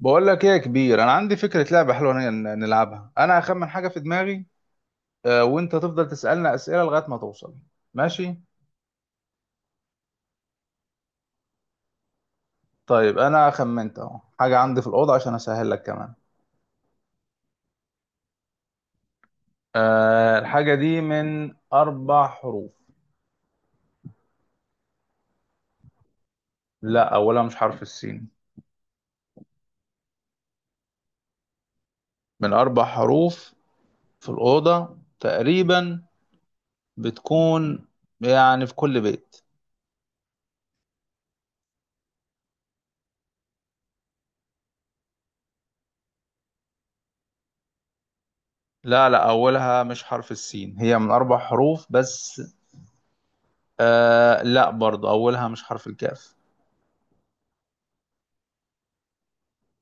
بقول لك ايه يا كبير، انا عندي فكره لعبه حلوه نلعبها، انا هخمن حاجه في دماغي. وانت تفضل تسالنا اسئله لغايه ما توصل. ماشي. طيب انا خمنت اهو حاجه عندي في الاوضه عشان اسهل لك كمان. الحاجه دي من 4 حروف. لا، اولها مش حرف السين. من 4 حروف في الاوضه تقريبا، بتكون يعني في كل بيت. لا لا، اولها مش حرف السين، هي من 4 حروف بس. لا برضه، اولها مش حرف الكاف.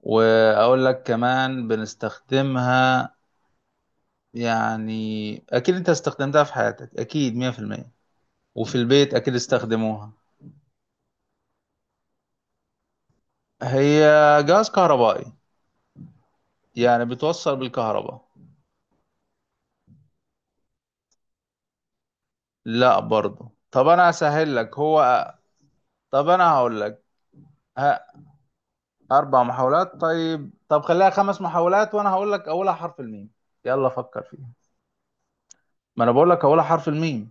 واقول لك كمان بنستخدمها، يعني اكيد انت استخدمتها في حياتك اكيد 100%. وفي البيت اكيد استخدموها. هي جهاز كهربائي، يعني بتوصل بالكهرباء. لا برضه، طب انا اسهل لك هو. طب انا هقول لك. ها. 4 محاولات، طيب، طب خليها 5 محاولات وانا هقول لك اولها حرف الميم. يلا فكر فيها. ما انا بقول لك اولها حرف الميم.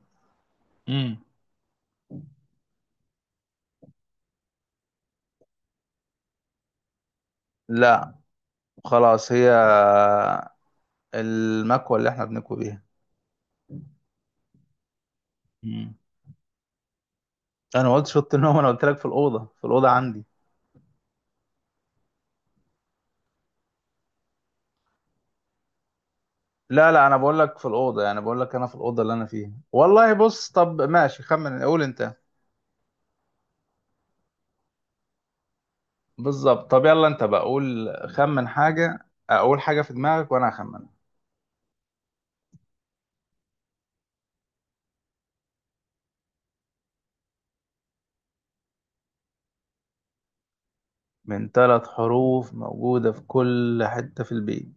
امم لا. خلاص، هي المكوة اللي احنا بنكوي بيها. انا ما قلتش اوضه النوم، انا قلت لك في الاوضه عندي. لا لا انا بقول لك في الاوضه، يعني بقول لك انا في الاوضه اللي انا فيها والله، بص، طب ماشي، خمن قول انت. بالظبط، طب يلا انت بقى قول، خمن حاجه، اقول حاجه في دماغك وانا هخمنها. من 3 حروف موجوده في كل حته في البيت.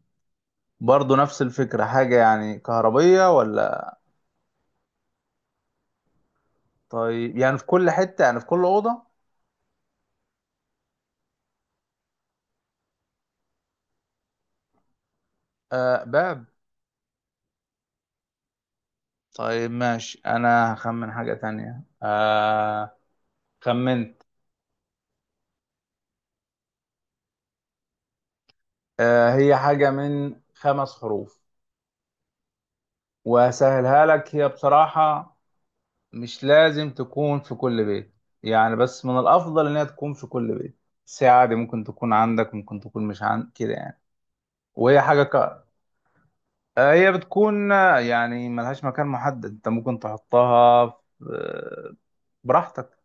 برضه نفس الفكره، حاجه يعني كهربيه ولا؟ طيب يعني في كل حته، يعني في كل اوضه. آه، باب. طيب ماشي، انا هخمن حاجه تانية. خمنت. هي حاجة من 5 حروف. وهسهلها لك، هي بصراحة مش لازم تكون في كل بيت، يعني بس من الأفضل إنها تكون في كل بيت. ساعة دي ممكن تكون عندك ممكن تكون مش عندك كده يعني. وهي حاجة هي بتكون، يعني ملهاش مكان محدد، أنت ممكن تحطها آه، براحتك.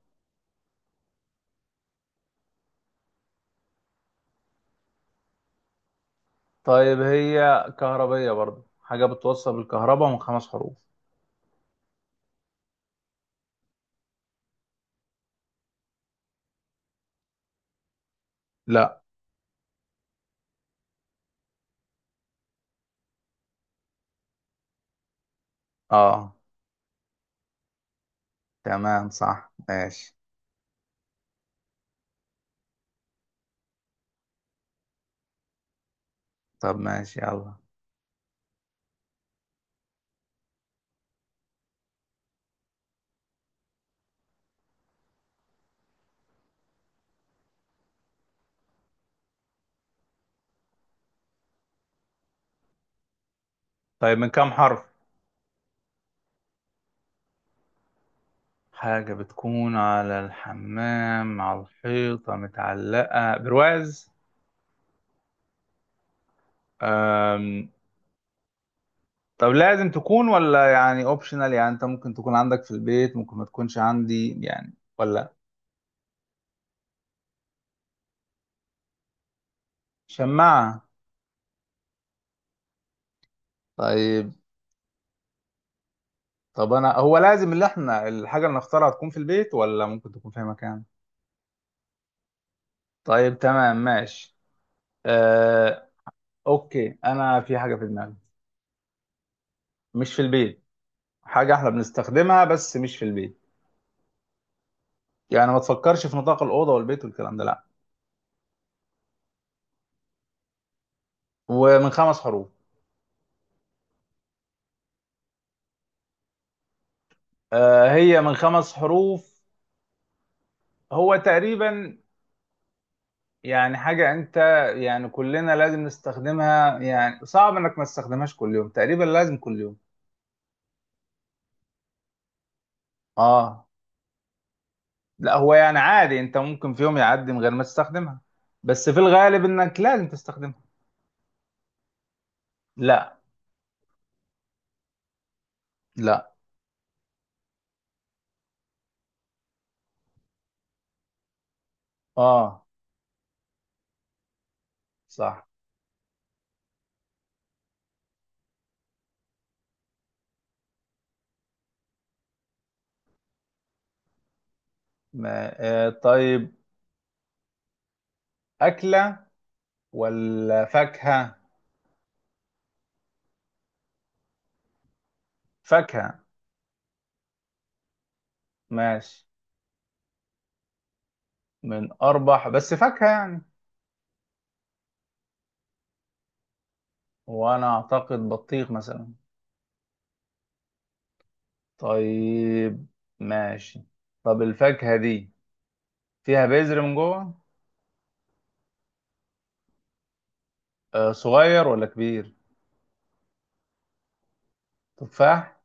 طيب هي كهربية برضه، حاجة بتوصل بالكهرباء من 5 حروف. لا. اه تمام صح ماشي. طب ماشي يلا. طيب من كام حرف؟ حاجة بتكون على الحمام، على الحيطة، متعلقة برواز. أم... طب لازم تكون ولا يعني اوبشنال، يعني انت ممكن تكون عندك في البيت ممكن ما تكونش عندي يعني ولا؟ شماعة. طيب. طب انا، هو لازم اللي احنا الحاجة اللي نختارها تكون في البيت ولا ممكن تكون في أي مكان؟ طيب تمام ماشي. أه... اوكي، انا في حاجة في دماغي. مش في البيت. حاجة احنا بنستخدمها بس مش في البيت. يعني ما تفكرش في نطاق الأوضة والبيت والكلام ده، لا. ومن خمس حروف. هي من 5 حروف. هو تقريبا، يعني حاجة أنت، يعني كلنا لازم نستخدمها، يعني صعب إنك ما تستخدمهاش كل يوم، تقريبا لازم كل يوم. آه. لا، هو يعني عادي أنت ممكن في يوم يعدي من غير ما تستخدمها، بس في الغالب إنك لازم تستخدمها. لا. لا. آه صح. ما طيب. أكلة ولا فاكهة؟ فاكهة. ماشي. من أربح بس فاكهة يعني؟ وأنا أعتقد بطيخ مثلا. طيب ماشي. طب الفاكهة دي فيها بذر من جوه؟ آه صغير ولا كبير؟ تفاح.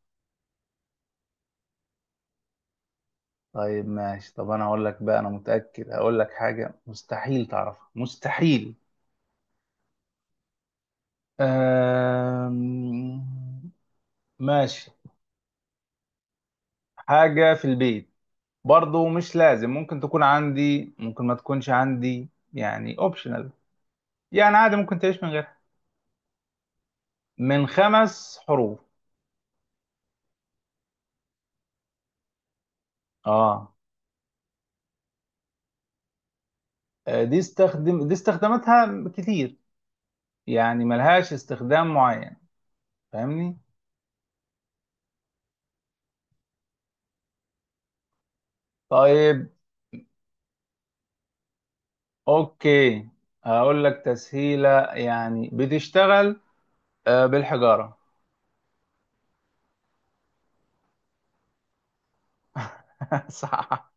طيب ماشي، طب أنا هقول لك بقى، أنا متأكد هقول لك حاجة مستحيل تعرفها مستحيل. آم... ماشي. حاجة في البيت، برضو مش لازم، ممكن تكون عندي ممكن ما تكونش عندي يعني اوبشنال. يعني عادي ممكن تعيش من غيرها. من 5 حروف. اه. دي استخدم، استخداماتها كتير، يعني ملهاش استخدام معين، فاهمني؟ طيب اوكي، هقول لك تسهيلة، يعني بتشتغل بالحجارة. صح.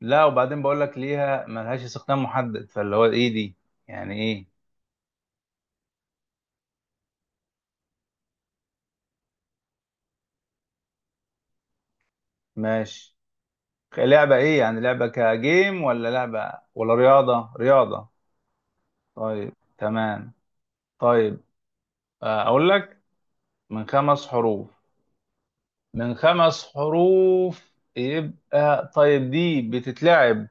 لا، وبعدين بقول لك ليها ملهاش استخدام محدد، فاللي هو ايه دي، يعني ايه؟ ماشي. لعبة ايه يعني؟ لعبة كجيم، ولا لعبة، ولا رياضة؟ رياضة. طيب تمام. طيب اقول لك. من 5 حروف. من 5 حروف يبقى، طيب دي بتتلعب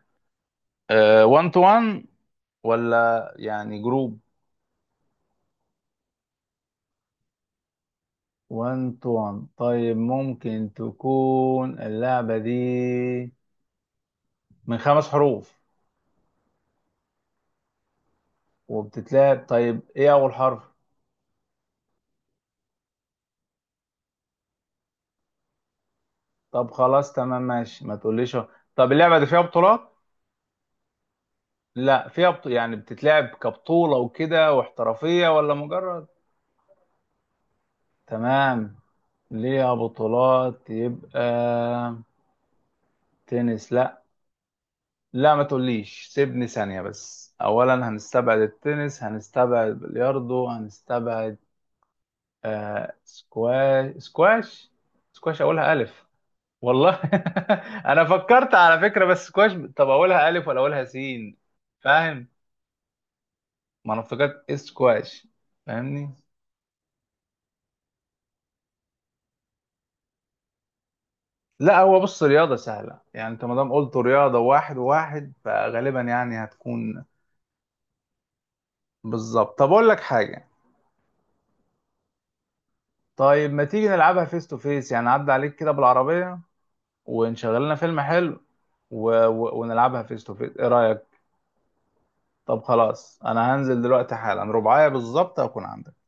1 تو 1 ولا يعني جروب؟ 1 تو 1، طيب ممكن تكون اللعبة دي من 5 حروف وبتتلعب، طيب ايه اول حرف؟ طب خلاص تمام ماشي، ما تقوليش. طب اللعبة دي فيها بطولات؟ لا فيها يعني بتتلعب كبطولة وكده واحترافية، ولا مجرد؟ تمام. ليها بطولات يبقى. تنس، لا. لا ما تقوليش، سيبني ثانية بس، أولا هنستبعد التنس، هنستبعد بلياردو، هنستبعد سكواش سكواش. سكواش أولها ألف؟ والله أنا فكرت على فكرة بس سكواش، طب أولها ألف ولا أولها سين؟ فاهم. ما أنا افتكرت سكواش، فاهمني؟ لا هو بص، رياضة سهلة يعني، أنت ما دام قلت رياضة واحد وواحد فغالبا يعني هتكون. بالظبط، طب أقول لك حاجة. طيب ما تيجي نلعبها فيس تو فيس يعني، عدى عليك كده بالعربية، ونشغل لنا فيلم حلو، ونلعبها فيس تو فيس، ايه رأيك؟ طب خلاص، انا هنزل دلوقتي حالا، رباعية بالظبط هكون عندك.